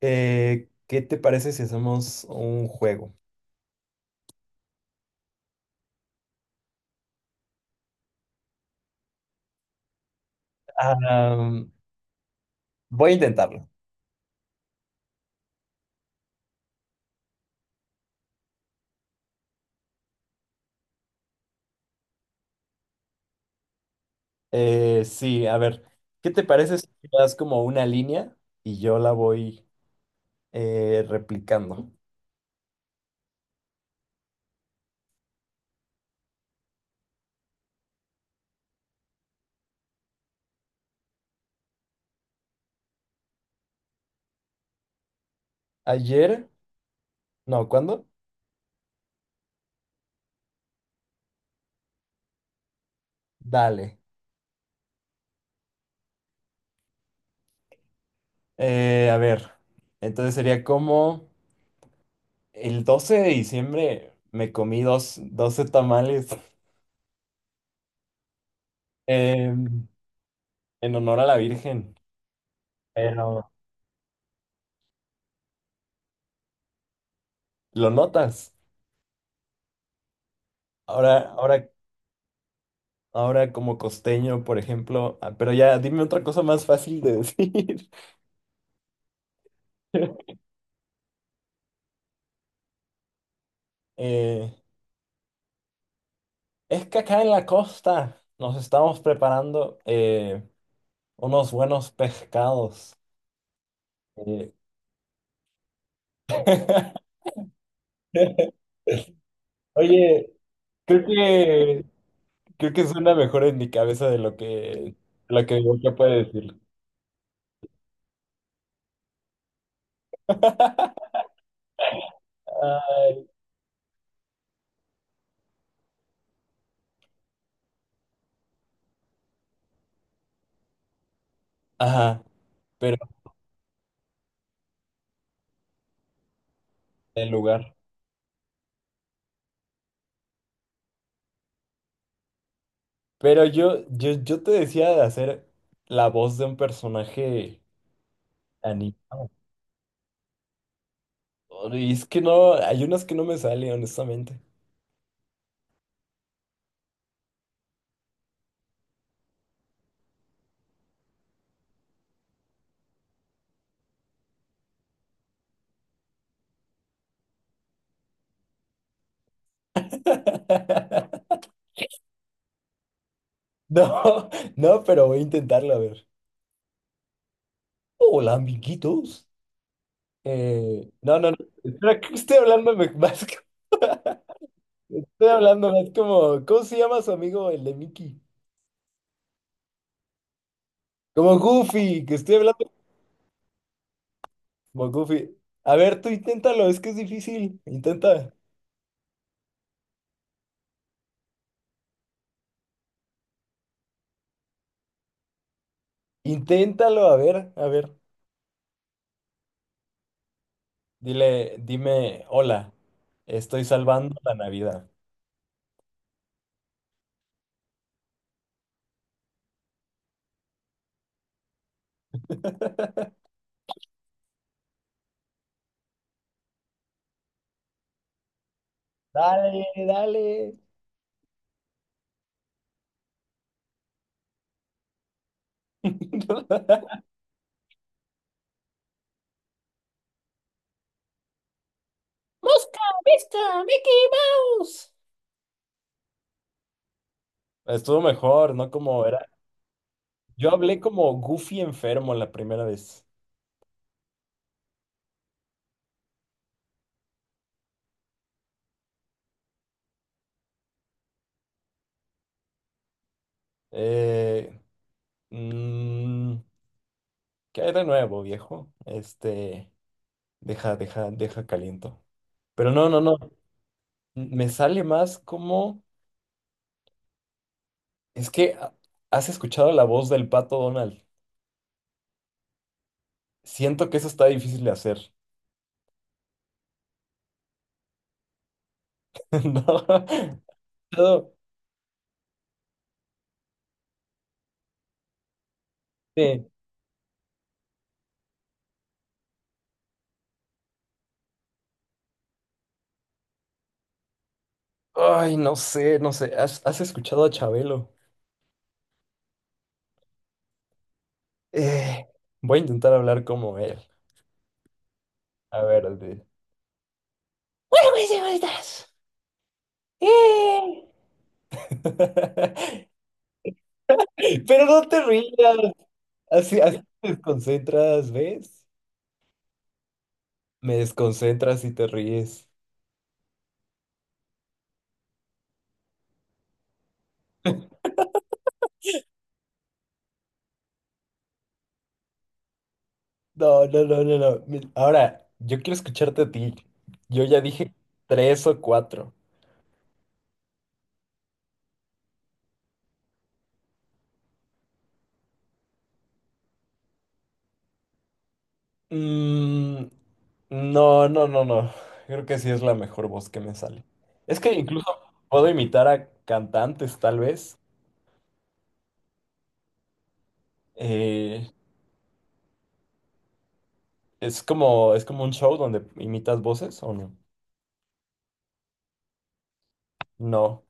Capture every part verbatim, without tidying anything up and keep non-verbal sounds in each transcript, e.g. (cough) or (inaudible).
Eh, ¿qué te parece si hacemos un juego? Ah, Voy a intentarlo. Eh, sí, a ver, ¿qué te parece si me das como una línea y yo la voy eh, replicando? Ayer, no, ¿cuándo? Dale. Eh, a ver, entonces sería como el doce de diciembre me comí dos, doce tamales em, en honor a la Virgen, pero lo notas. Ahora, ahora ahora como costeño, por ejemplo, ah, pero ya dime otra cosa más fácil de decir. (laughs) Eh, es que acá en la costa nos estamos preparando eh, unos buenos pescados. Eh, (laughs) Oye, creo que creo que suena mejor en mi cabeza de lo que lo que yo puede decir. Ajá, pero en lugar. Pero yo, yo, yo te decía de hacer la voz de un personaje animado. Y es que no, hay unas que no me salen, honestamente. (laughs) No, no, pero voy a intentarlo a ver. Hola, amiguitos. Eh, no, no, no. Espera, que estoy hablando me- (laughs) más que- Estoy hablando más como. ¿Cómo se llama su amigo, el de Mickey? Como Goofy, que estoy hablando como Goofy. A ver, tú inténtalo, es que es difícil. Intenta. Inténtalo, a ver, a ver. Dile, dime, hola, estoy salvando la Navidad. Dale, dale. (laughs) ¡Pesca! Mickey Mouse. Estuvo mejor, ¿no? Como era. Yo hablé como Goofy enfermo la primera vez. Eh, mm, ¿qué hay de nuevo, viejo? Este, deja, deja, deja caliento. Pero no, no, no. Me sale más como. Es que ah, has escuchado la voz del pato Donald. Siento que eso está difícil de hacer. (laughs) ¿No? Todo- sí. Ay, no sé, no sé. ¿Has, has escuchado a Chabelo? Eh, Voy a intentar hablar como él. A ver, Adriel. (laughs) Bueno, pues, señoritas. Eh, (laughs) Pero no te rías. Así, así te desconcentras, ¿ves? Me desconcentras y te ríes. No, no, no, no, no. Mi- Ahora, yo quiero escucharte a ti. Yo ya dije tres o cuatro. Mm, no, no, no, no. Creo que sí es la mejor voz que me sale. Es que incluso puedo imitar a cantantes, tal vez. Eh, es como, es como un show donde imitas voces, ¿o no? No,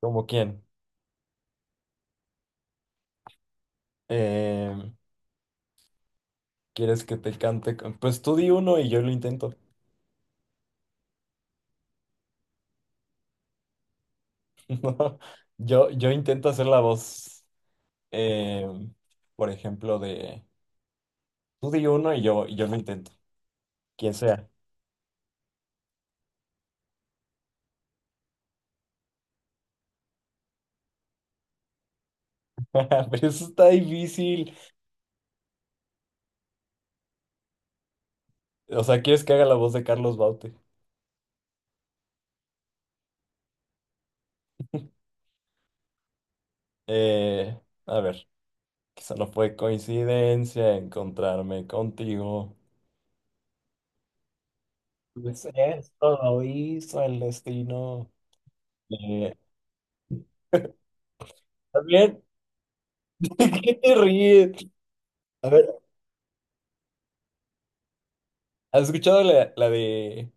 ¿como quién? Eh, ¿quieres que te cante? Con- Pues tú di uno y yo lo intento. (laughs) No, yo, yo intento hacer la voz, eh, por ejemplo, de tú di uno y yo, y yo lo intento, quien sea. (laughs) Pero eso está difícil. O sea, ¿quieres que haga la voz de Carlos Baute? Eh, a ver, quizá no fue coincidencia encontrarme contigo. Pues esto lo hizo el destino. Eh, también, (laughs) ¿qué te ríes? A ver, ¿has escuchado la, la de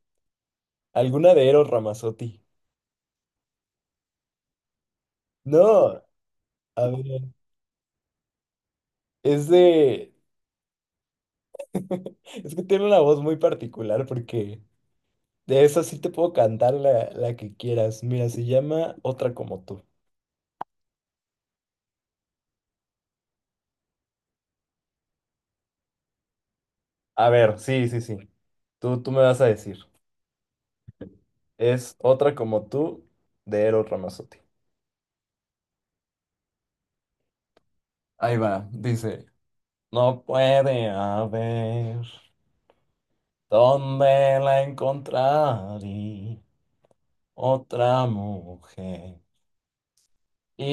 alguna de Eros Ramazzotti? No, a ver, es de... (laughs) Es que tiene una voz muy particular porque de esa sí te puedo cantar la, la que quieras. Mira, se llama Otra como tú. A ver, sí, sí, sí. Tú, tú me vas a decir. Es Otra como tú de Eros Ramazzotti. Ahí va, dice. No puede haber dónde la encontraré otra mujer.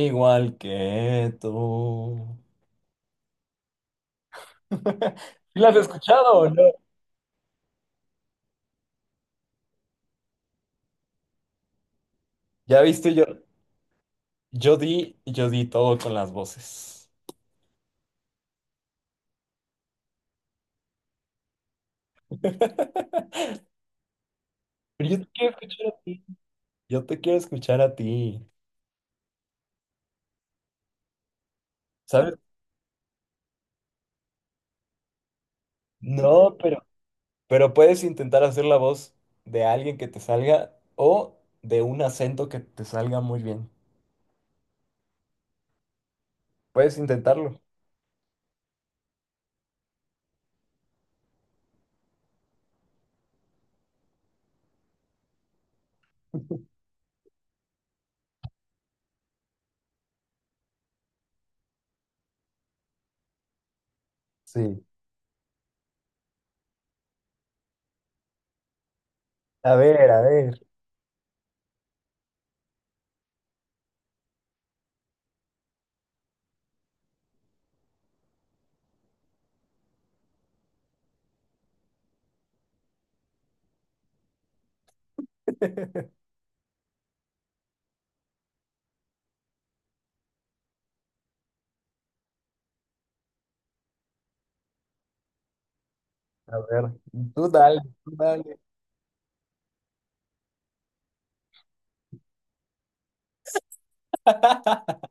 Igual que tú. (laughs) ¿Sí ¿Las has escuchado o no? Ya viste, yo, yo di, yo di todo con las voces. (laughs) Pero yo te quiero escuchar a ti. Yo te quiero escuchar a ti. ¿Sabes? No, pero, pero puedes intentar hacer la voz de alguien que te salga o de un acento que te salga muy bien. Puedes intentarlo. Sí. A ver, a ver. (laughs) A ver. Tú dale, tú dale. (laughs)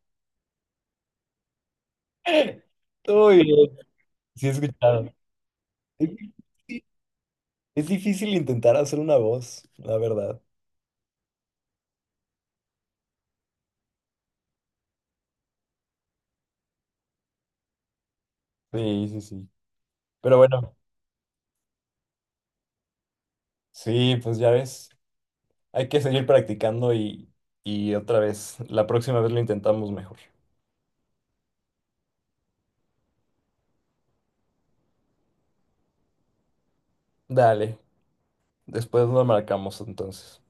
Tú bien. Sí, he escuchado. Es difícil, es difícil intentar hacer una voz, la verdad. Sí, sí, sí. Pero bueno, sí, pues ya ves, hay que seguir practicando y, y otra vez, la próxima vez lo intentamos mejor. Dale, después nos marcamos entonces.